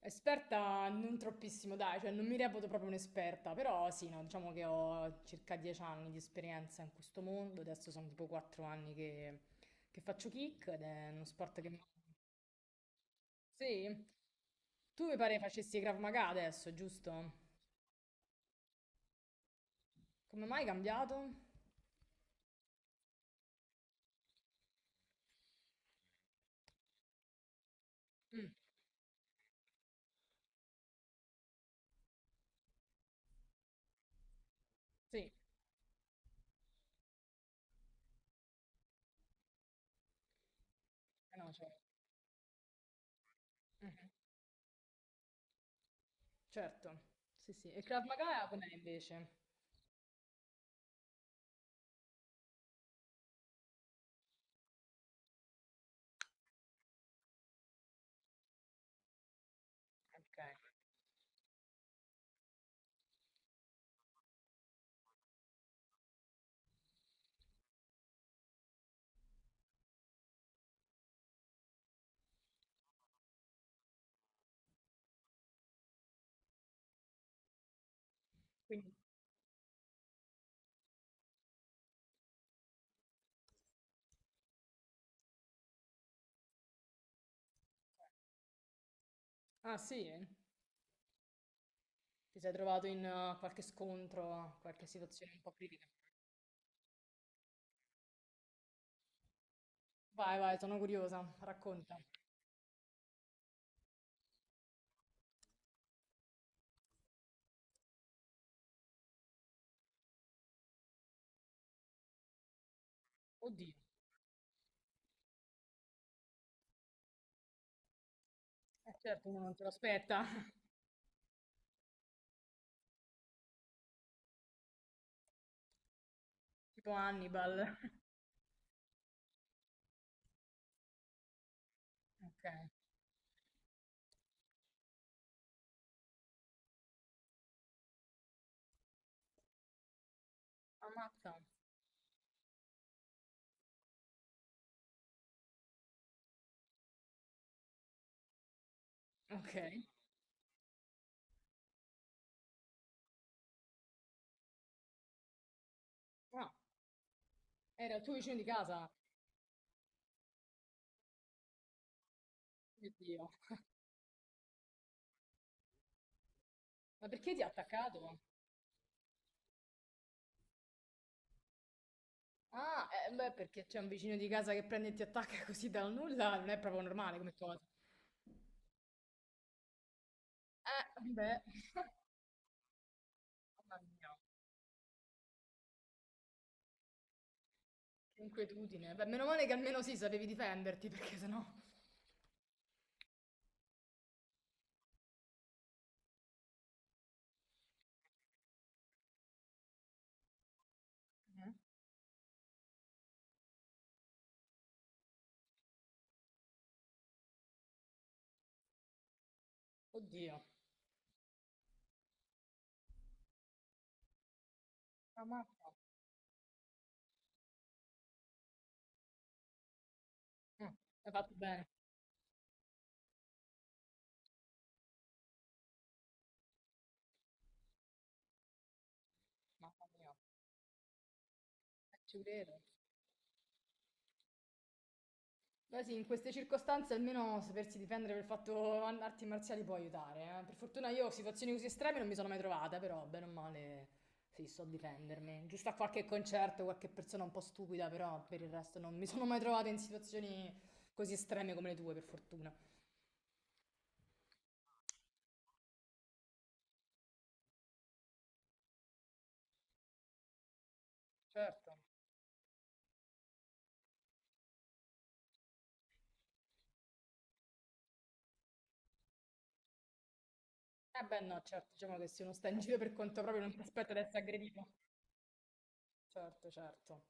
Esperta non troppissimo, dai, cioè non mi reputo proprio un'esperta, però sì, no, diciamo che ho circa 10 anni di esperienza in questo mondo, adesso sono tipo 4 anni che faccio kick ed è uno sport che mi- Sì, tu mi pare facessi Krav Maga adesso, giusto? Come mai hai cambiato? Mm, sì, eh no, cioè, mhm, certo, sì sì, e Krav Maga com'è invece? Ok, quindi... Ah sì, ti sei trovato in qualche scontro, qualche situazione un po' critica? Vai, vai, sono curiosa, racconta. Oddio, certo, uno non se lo aspetta. Tipo Hannibal. Ok, ammazza. Ok. Ah, era il tuo vicino di casa. Oddio, ma perché ti ha attaccato? Ah, beh, perché c'è un vicino di casa che prende e ti attacca così dal nulla, non è proprio normale come cosa. Beh, mamma mia, che inquietudine. Beh, meno male che almeno sì, sapevi difenderti, perché sennò... Mm. Oddio, ammazza. Mm, hai fatto bene. Mamma mia, ci credo. Beh sì, in queste circostanze almeno sapersi difendere per il fatto an- arti marziali può aiutare, eh. Per fortuna io situazioni così estreme non mi sono mai trovata, però bene o male sì, so difendermi. Giusto a qualche concerto, qualche persona un po' stupida, però per il resto non mi sono mai trovata in situazioni così estreme come le tue, per fortuna. Certo. Eh beh no, certo, diciamo che se uno sta in giro per conto proprio non ti aspetta di essere aggredito. Certo, certo.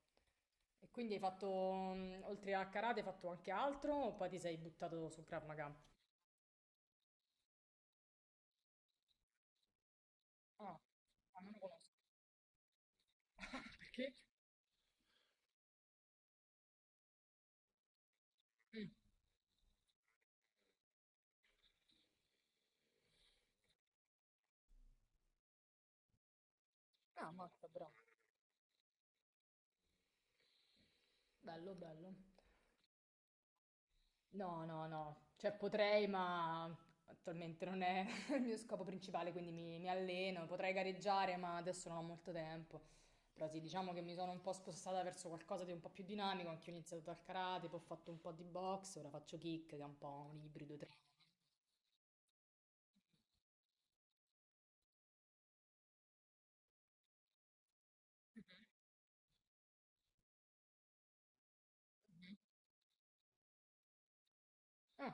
E quindi mm, oltre a karate, hai fatto anche altro o poi ti sei buttato sul Krav Maga? Ah, ah, non lo conosco. Perché? Mm. Ah, mazza, bravo. Bello, bello. No, no, no, cioè potrei, ma attualmente non è il mio scopo principale, quindi mi alleno, potrei gareggiare, ma adesso non ho molto tempo. Però sì, diciamo che mi sono un po' spostata verso qualcosa di un po' più dinamico, anche io ho iniziato dal karate, poi ho fatto un po' di box, ora faccio kick, che è un po' un ibrido tra... Ah,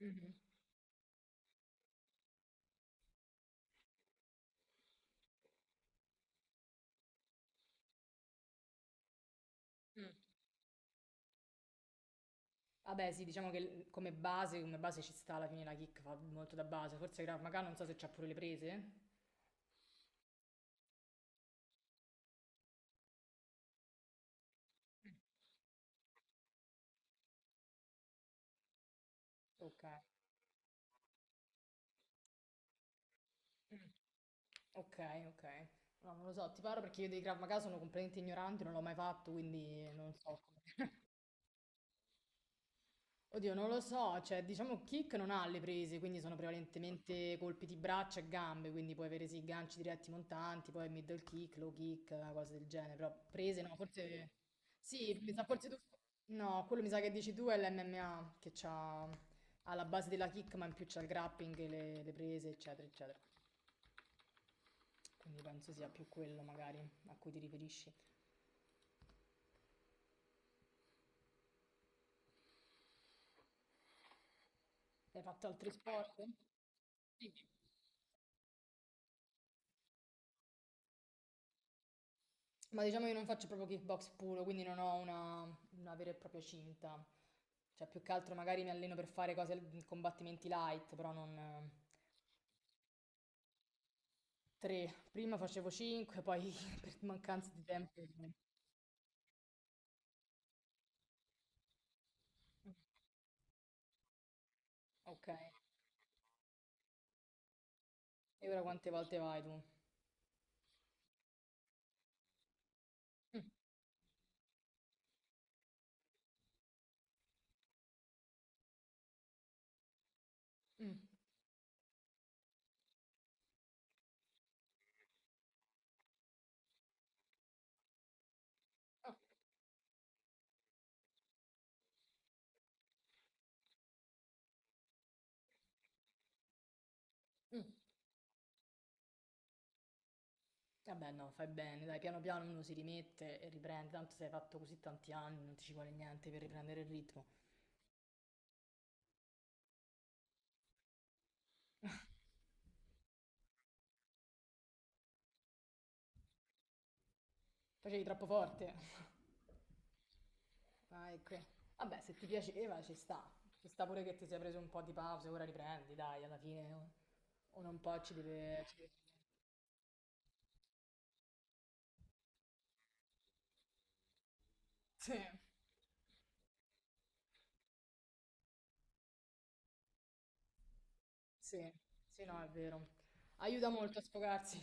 mhm, mm. Vabbè, sì, diciamo che come base ci sta alla fine la kick, fa molto da base. Forse Krav Maga, non so se c'ha pure le prese. Ok. Mm. Ok, ok. No, non lo so, ti parlo perché io dei Krav Maga sono completamente ignorante, non l'ho mai fatto, quindi non so come. Oddio, non lo so, cioè diciamo kick non ha le prese, quindi sono prevalentemente colpi di braccia e gambe, quindi puoi avere sì ganci diretti montanti, poi middle kick, low kick, cose del genere, però prese no, forse sì, mi sa forse tu no, quello mi sa che dici tu è l'MMA che c'ha ha la base della kick, ma in più c'ha il grappling, e le prese, eccetera, eccetera. Quindi penso sia più quello magari a cui ti riferisci. Hai fatto altri sport? Ma diciamo io non faccio proprio kickbox puro, quindi non ho una vera e propria cinta. Cioè, più che altro magari mi alleno per fare cose, combattimenti light, però non... Tre. Prima facevo cinque, poi per mancanza di tempo... Ok. E ora quante volte vai tu? Mm, mm, ah, mm. Vabbè, no, fai bene, dai, piano piano uno si rimette e riprende. Tanto se hai fatto così tanti anni, non ti ci vuole niente per riprendere il ritmo. Facevi troppo forte. Vai qui. Vabbè, se ti piaceva ci sta. Ci sta pure che ti sei preso un po' di pausa, ora riprendi, dai, alla fine o- uno un po' ci deve- Sì, sì, sì, no, è vero. Aiuta molto a sfogarsi.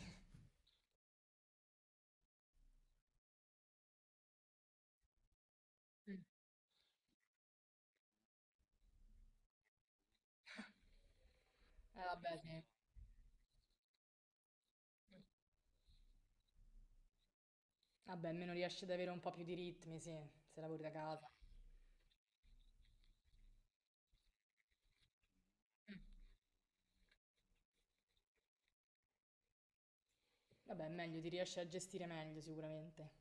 Mm. Vabbè, sì. Mm. Vabbè, almeno riesci ad avere un po' più di ritmi, sì, se lavori da casa. Mm. Vabbè, è meglio, ti riesci a gestire meglio sicuramente.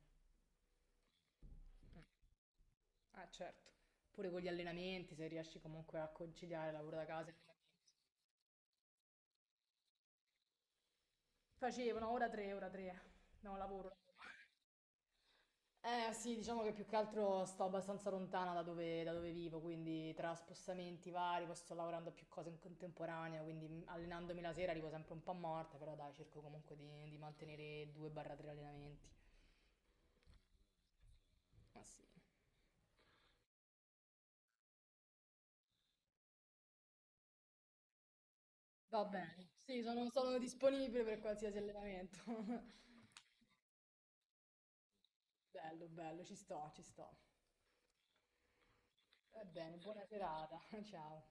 Ah, certo. Pure con gli allenamenti, se riesci comunque a conciliare lavoro da casa e allenamenti. Facevano ora tre, ora tre. No, lavoro. Eh sì, diciamo che più che altro sto abbastanza lontana da da dove vivo, quindi tra spostamenti vari, poi sto lavorando a più cose in contemporanea, quindi allenandomi la sera arrivo sempre un po' morta, però dai, cerco comunque di mantenere 2-3 allenamenti. Ma sì. Va bene, sì, sono disponibile per qualsiasi allenamento. Bello, bello, ci sto, ci sto. Va bene, buona serata, ciao.